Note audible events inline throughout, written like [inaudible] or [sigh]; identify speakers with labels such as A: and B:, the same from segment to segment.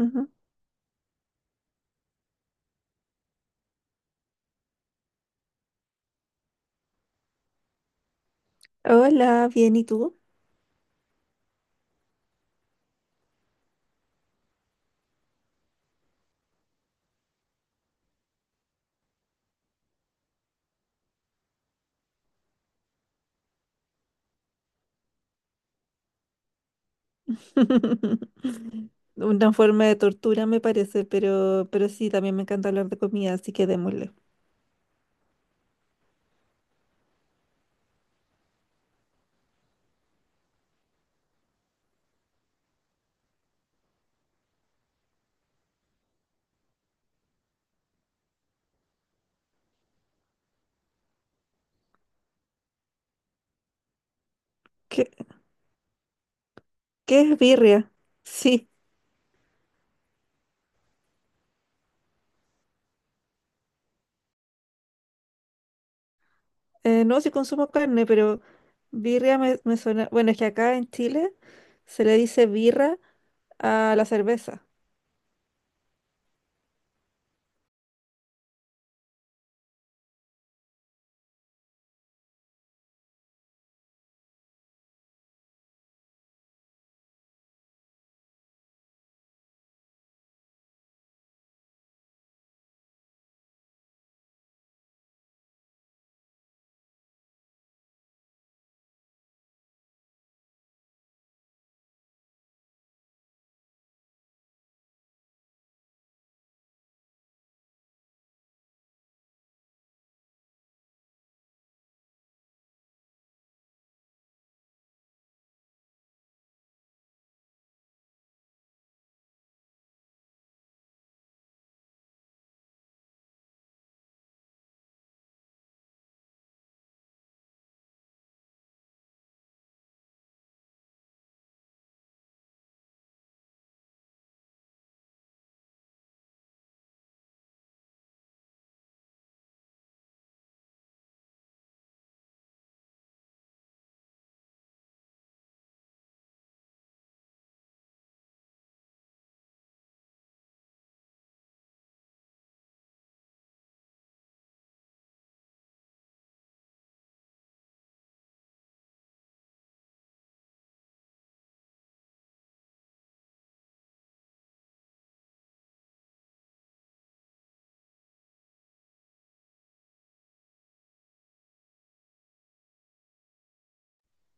A: Ujú. Hola, bien, ¿y tú? [laughs] Una forma de tortura me parece, pero sí, también me encanta hablar de comida, así que démosle. ¿Qué, qué es birria? Sí, no, sí consumo carne, pero birria me suena. Bueno, es que acá en Chile se le dice birra a la cerveza.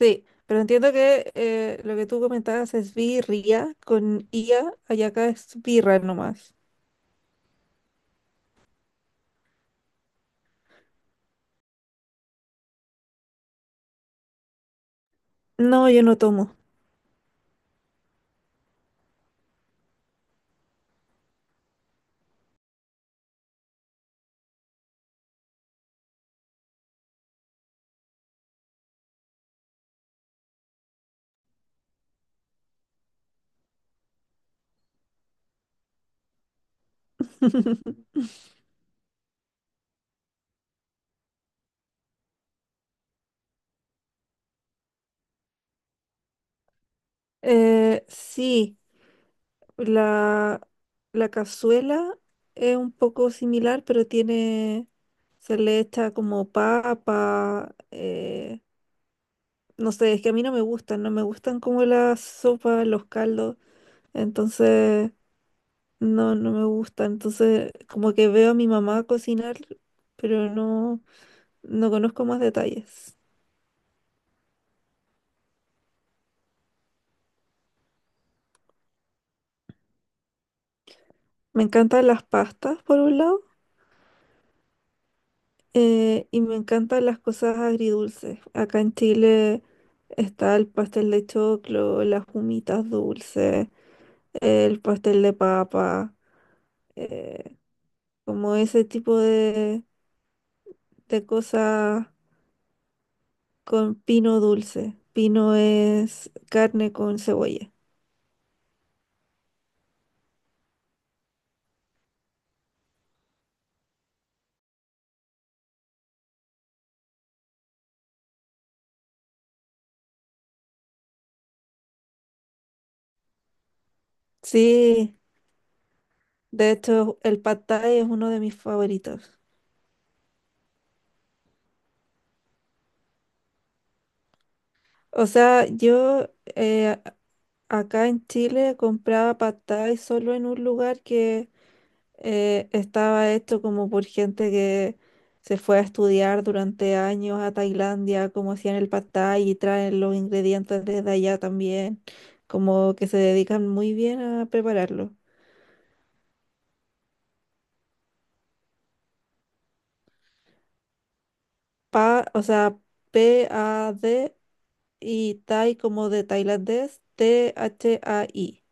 A: Sí, pero entiendo que lo que tú comentabas es birria con ia, allá acá es birra nomás. No, yo no tomo. [laughs] Sí. La, la cazuela es un poco similar, pero tiene, se le echa como papa, no sé, es que a mí no me gustan, no me gustan como las sopas, los caldos, entonces no, no me gusta, entonces como que veo a mi mamá cocinar, pero no, no conozco más detalles. Me encantan las pastas por un lado. Y me encantan las cosas agridulces. Acá en Chile está el pastel de choclo, las humitas dulces, el pastel de papa, eh, como ese tipo de cosas con pino dulce. Pino es carne con cebolla. Sí, de hecho el pad thai es uno de mis favoritos. O sea, yo eh, acá en Chile compraba pad thai solo en un lugar que estaba hecho como por gente que se fue a estudiar durante años a Tailandia, como hacían el pad thai y traen los ingredientes desde allá también, como que se dedican muy bien a prepararlo. Pa, o sea, P-A-D y Thai como de tailandés, T-H-A-I.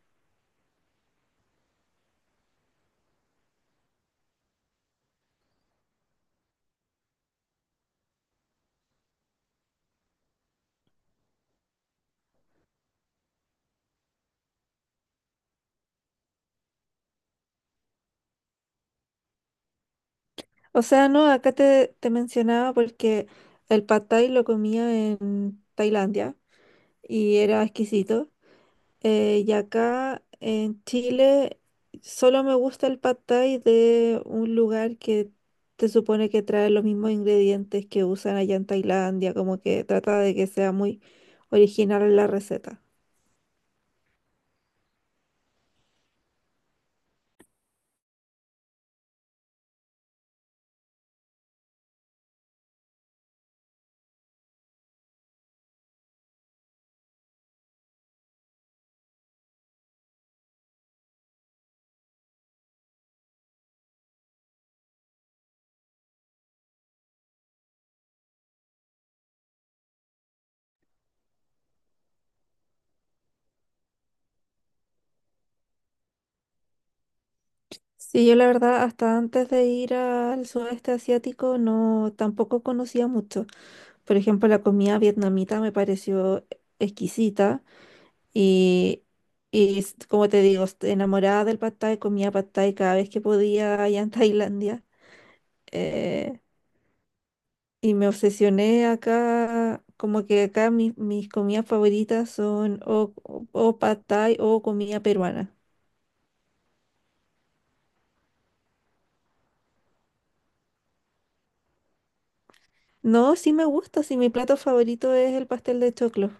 A: O sea, no, acá te, te mencionaba porque el pad thai lo comía en Tailandia y era exquisito. Y acá en Chile solo me gusta el pad thai de un lugar que se supone que trae los mismos ingredientes que usan allá en Tailandia, como que trata de que sea muy original la receta. Sí, yo la verdad hasta antes de ir al sudeste asiático no tampoco conocía mucho. Por ejemplo, la comida vietnamita me pareció exquisita. Y, como te digo, enamorada del pad thai, comía pad thai cada vez que podía allá en Tailandia. eh, y me obsesioné acá, como que acá mis, mis comidas favoritas son o pad thai o comida peruana. No, sí me gusta, sí mi plato favorito es el pastel de choclo.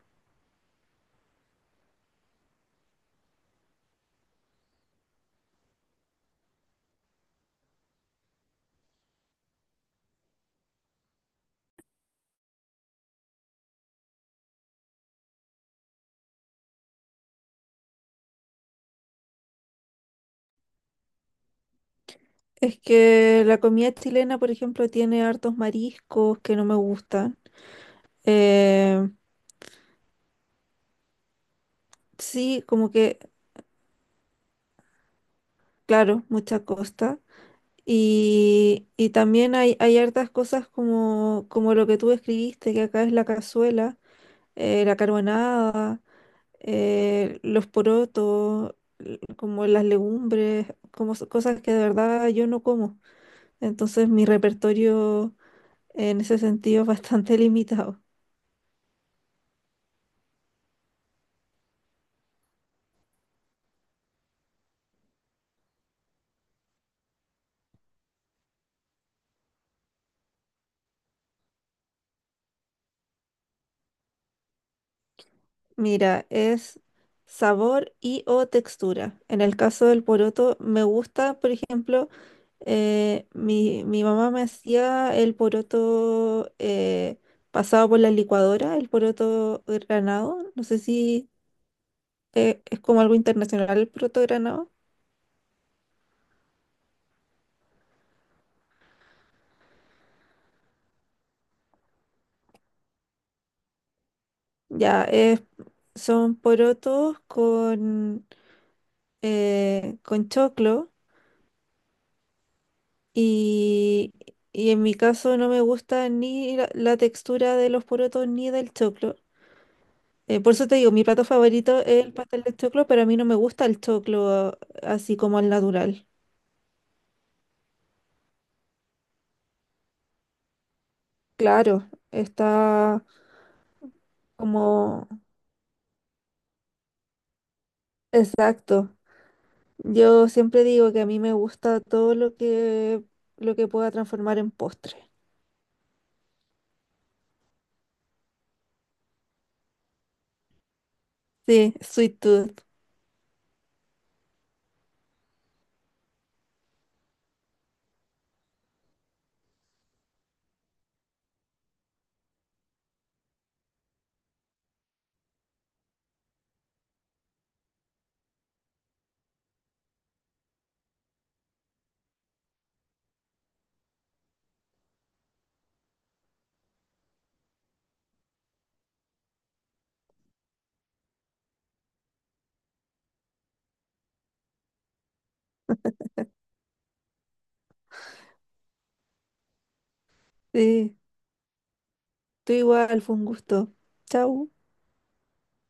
A: Es que la comida chilena, por ejemplo, tiene hartos mariscos que no me gustan. Eh, sí, como que, claro, mucha costa. Y también hay hartas cosas como, como lo que tú escribiste, que acá es la cazuela, la carbonada, los porotos, como las legumbres, como cosas que de verdad yo no como. Entonces mi repertorio en ese sentido es bastante [laughs] limitado. Mira, es sabor y o textura. En el caso del poroto, me gusta, por ejemplo, mi, mi mamá me hacía el poroto pasado por la licuadora, el poroto granado. No sé si es como algo internacional el poroto granado. Ya, es, son porotos con choclo y, y en mi caso no me gusta ni la, la textura de los porotos ni del choclo. Por eso te digo, mi plato favorito es el pastel de choclo, pero a mí no me gusta el choclo así como al natural. Claro, está como exacto. Yo siempre digo que a mí me gusta todo lo que pueda transformar en postre. Sí, sweet tooth. Sí, tú igual, fue un gusto. Chau.